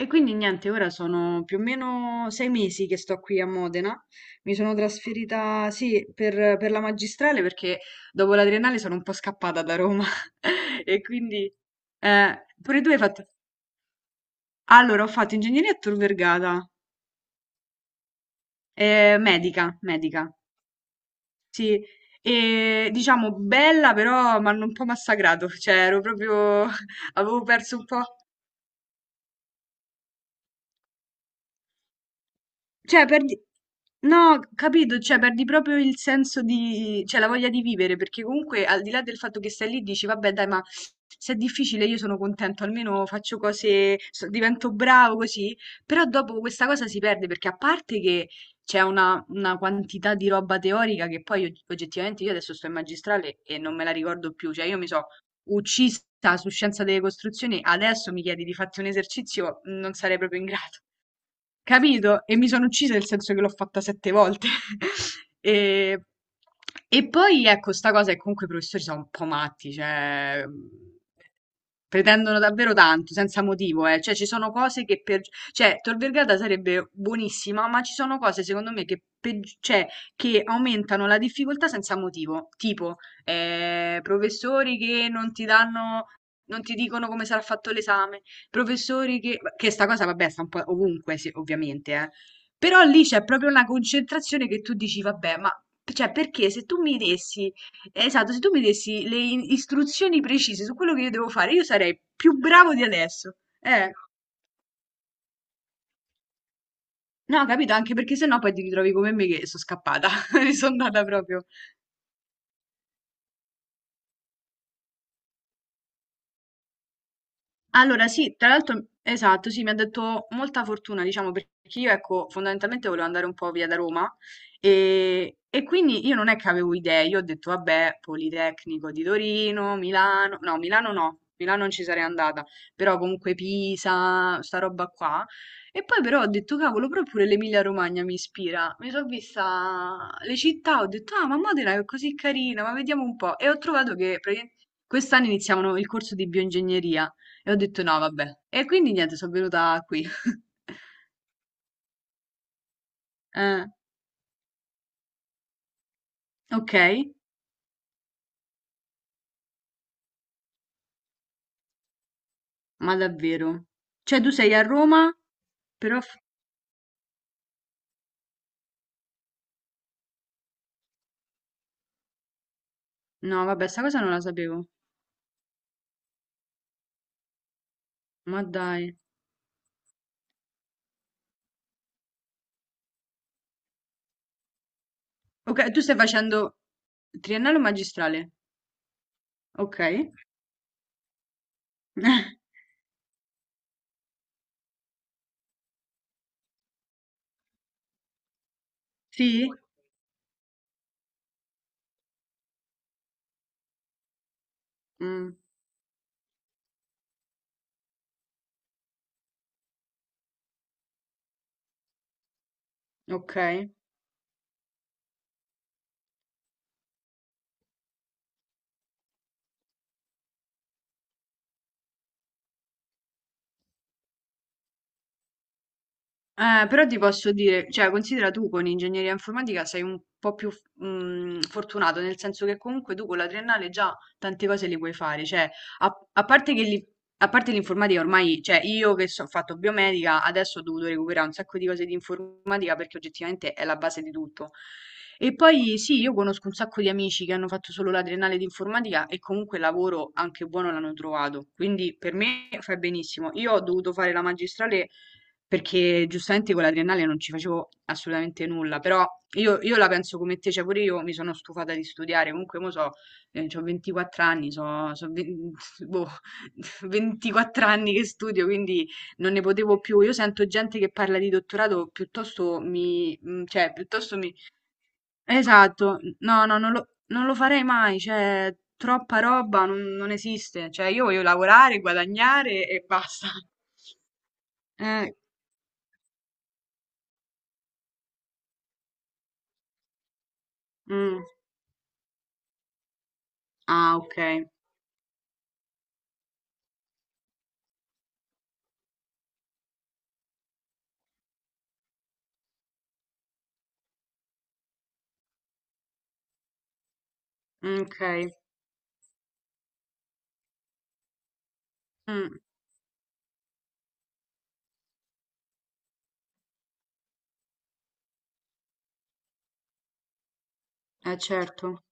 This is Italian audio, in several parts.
E quindi niente, ora sono più o meno 6 mesi che sto qui a Modena. Mi sono trasferita, sì, per la magistrale perché dopo la triennale sono un po' scappata da Roma. E quindi, pure tu hai fatto. Allora, ho fatto ingegneria a Tor Vergata, medica, medica, sì. E diciamo bella, però mi hanno un po' massacrato, cioè ero proprio. Avevo perso un po'. Cioè perdi No, capito, cioè perdi proprio il senso di cioè la voglia di vivere, perché comunque al di là del fatto che stai lì dici vabbè dai, ma se è difficile io sono contento, almeno faccio cose, divento bravo così, però dopo questa cosa si perde perché a parte che c'è una quantità di roba teorica che poi oggettivamente io adesso sto in magistrale e non me la ricordo più, cioè io mi so uccisa su scienza delle costruzioni, adesso mi chiedi di farti un esercizio, non sarei proprio in grado. Capito? E mi sono uccisa nel senso che l'ho fatta 7 volte. E, e poi ecco, sta cosa è che comunque i professori sono un po' matti, cioè pretendono davvero tanto, senza motivo, eh. Cioè ci sono cose che per. Cioè Tor Vergata sarebbe buonissima, ma ci sono cose secondo me cioè, che aumentano la difficoltà senza motivo, tipo professori che non ti danno, non ti dicono come sarà fatto l'esame. Professori che sta cosa, vabbè, sta un po' ovunque, sì, ovviamente, eh. Però lì c'è proprio una concentrazione che tu dici, vabbè, ma cioè, perché se tu mi dessi, esatto, se tu mi dessi le istruzioni precise su quello che io devo fare, io sarei più bravo di adesso. No, capito? Anche perché sennò poi ti ritrovi come me che sono scappata, mi sono andata proprio. Allora sì, tra l'altro esatto, sì, mi ha detto molta fortuna, diciamo, perché io, ecco, fondamentalmente volevo andare un po' via da Roma e quindi io non è che avevo idee, io ho detto, vabbè, Politecnico di Torino, Milano, no, Milano no, Milano non ci sarei andata, però comunque Pisa, sta roba qua. E poi però ho detto, cavolo, proprio pure l'Emilia Romagna mi ispira. Mi sono vista le città, ho detto, ah, ma Modena è così carina, ma vediamo un po'. E ho trovato che praticamente quest'anno iniziavano il corso di bioingegneria. E ho detto no, vabbè. E quindi niente, sono venuta qui. Eh, ok, ma davvero? Cioè tu sei a Roma, però... f- No, vabbè, sta cosa non la sapevo. Ma dai. Ok, tu stai facendo triennale o magistrale? Ok. Sì? Mm, ok. Però ti posso dire, cioè, considera tu con ingegneria informatica sei un po' più fortunato, nel senso che comunque tu con la triennale già tante cose le puoi fare, cioè, a parte che li, a parte l'informatica ormai, cioè io che ho fatto biomedica, adesso ho dovuto recuperare un sacco di cose di informatica perché oggettivamente è la base di tutto. E poi sì, io conosco un sacco di amici che hanno fatto solo la triennale di informatica e comunque lavoro anche buono l'hanno trovato. Quindi per me fai benissimo. Io ho dovuto fare la magistrale perché giustamente con la triennale non ci facevo assolutamente nulla, però io la penso come te, cioè pure io mi sono stufata di studiare, comunque mo so, ho 24 anni, so, so, boh, 24 anni che studio, quindi non ne potevo più. Io sento gente che parla di dottorato, piuttosto mi. Esatto, no, no, non lo farei mai, cioè, troppa roba non esiste. Cioè, io voglio lavorare, guadagnare e basta. Eh, mm. Ah, ok. Mm, ok, mm, certo.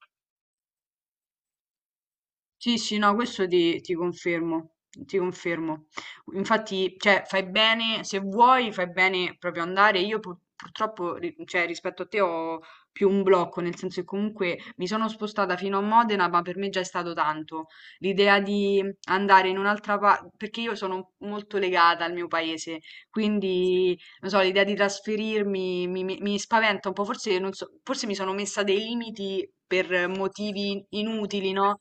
Sì, sì, no, questo ti confermo, ti confermo. Infatti, cioè, fai bene, se vuoi, fai bene proprio andare. Io purtroppo, cioè, rispetto a te ho più un blocco, nel senso che comunque mi sono spostata fino a Modena, ma per me già è stato tanto. L'idea di andare in un'altra parte, perché io sono molto legata al mio paese, quindi, non so, l'idea di trasferirmi mi spaventa un po', forse, non so, forse mi sono messa dei limiti per motivi inutili, no?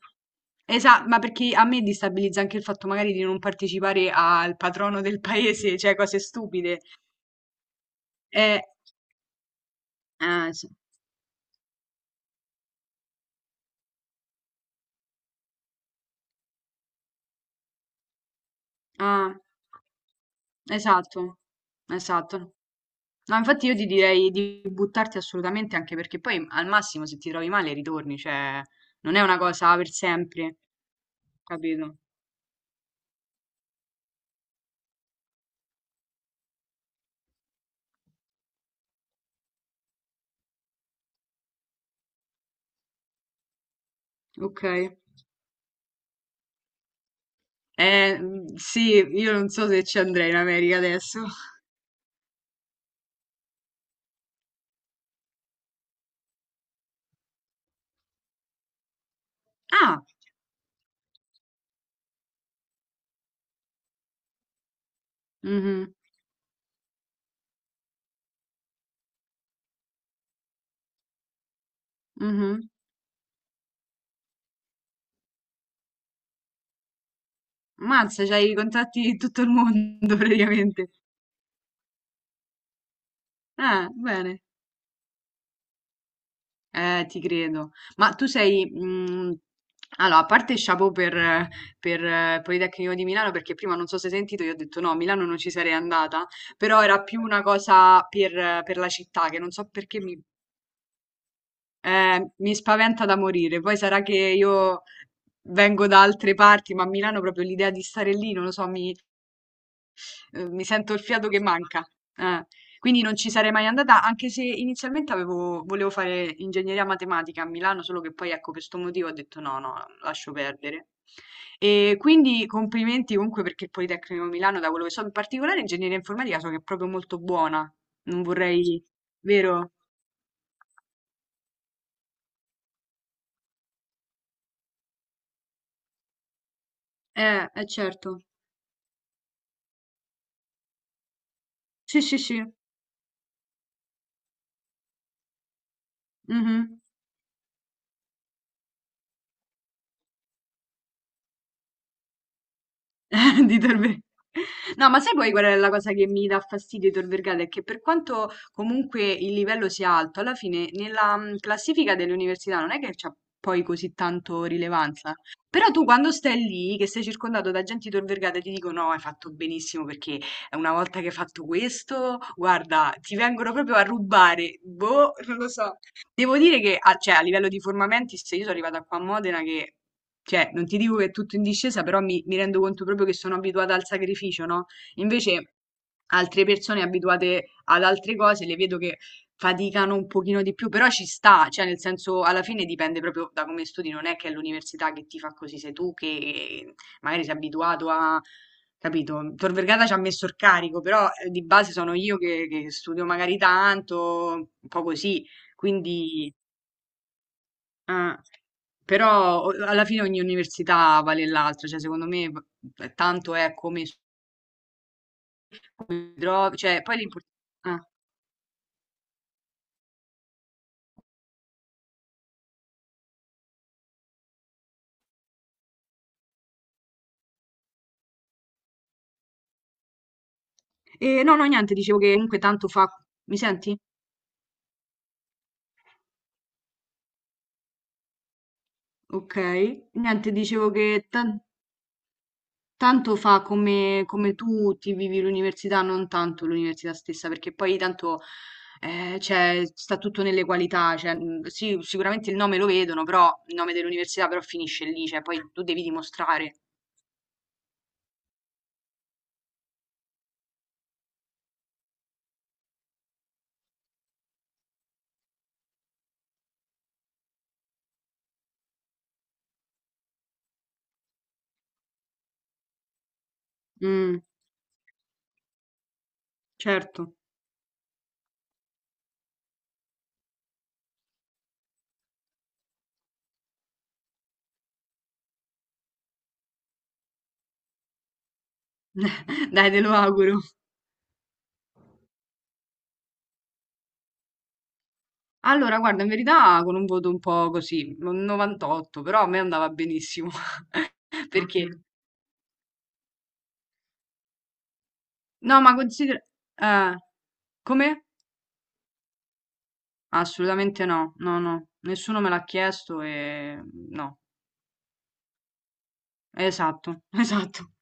Esatto, ma perché a me destabilizza anche il fatto magari di non partecipare al patrono del paese, cioè cose stupide. Eh, ah, ah, esatto, esatto. No, infatti io ti direi di buttarti assolutamente anche perché poi al massimo se ti trovi male ritorni, cioè non è una cosa per sempre, capito? Ok. Sì, io non so se ci andrei in America adesso. Ah, mhm, mhm. Mazza, c'hai i contatti di tutto il mondo praticamente. Ah, bene. Ti credo. Ma tu sei... mm, allora, a parte chapeau per, Politecnico di Milano, perché prima non so se hai sentito, io ho detto no, a Milano non ci sarei andata, però era più una cosa per, per la città, che non so perché mi spaventa da morire. Poi sarà che io vengo da altre parti, ma a Milano proprio l'idea di stare lì, non lo so, mi sento il fiato che manca. Eh. Quindi non ci sarei mai andata, anche se inizialmente avevo volevo fare ingegneria matematica a Milano, solo che poi, ecco, per 'sto motivo ho detto: "No, no, lascio perdere". E quindi complimenti comunque perché il Politecnico di Milano, da quello che so, in particolare ingegneria informatica, so che è proprio molto buona. Non vorrei vero? Eh certo. Sì, sì, sì. Mh-mh. di Tor Vergata. No, ma sai poi qual è la cosa che mi dà fastidio di Tor Vergata? È che per quanto comunque il livello sia alto, alla fine nella classifica delle università non è che c'ha poi così tanto rilevanza. Però tu quando stai lì, che sei circondato da gente di Tor Vergata, ti dico no, hai fatto benissimo perché una volta che hai fatto questo, guarda, ti vengono proprio a rubare. Boh, non lo so. Devo dire che cioè, a livello di formamenti, se io sono arrivata qua a Modena che cioè, non ti dico che è tutto in discesa, però mi rendo conto proprio che sono abituata al sacrificio, no? Invece altre persone abituate ad altre cose le vedo che faticano un pochino di più, però ci sta, cioè nel senso alla fine dipende proprio da come studi, non è che è l'università che ti fa così, sei tu che magari sei abituato a. Capito? Tor Vergata ci ha messo il carico, però di base sono io che studio magari tanto, un po' così, quindi. Ah, però alla fine ogni università vale l'altra, cioè secondo me tanto è come si trovi, cioè poi l'importante. E no, no, niente, dicevo che comunque tanto fa. Mi senti? Ok, niente, dicevo che tanto fa come tu ti vivi l'università, non tanto l'università stessa, perché poi tanto cioè, sta tutto nelle qualità, cioè, sì, sicuramente il nome lo vedono, però il nome dell'università però finisce lì, cioè poi tu devi dimostrare. Mm, certo. Dai, te lo auguro. Allora, guarda, in verità con un voto un po' così, un 98, però a me andava benissimo. Perché? Ok. No, ma considera. eh, Come? Assolutamente no, no, no. Nessuno me l'ha chiesto. No, esatto, esatto.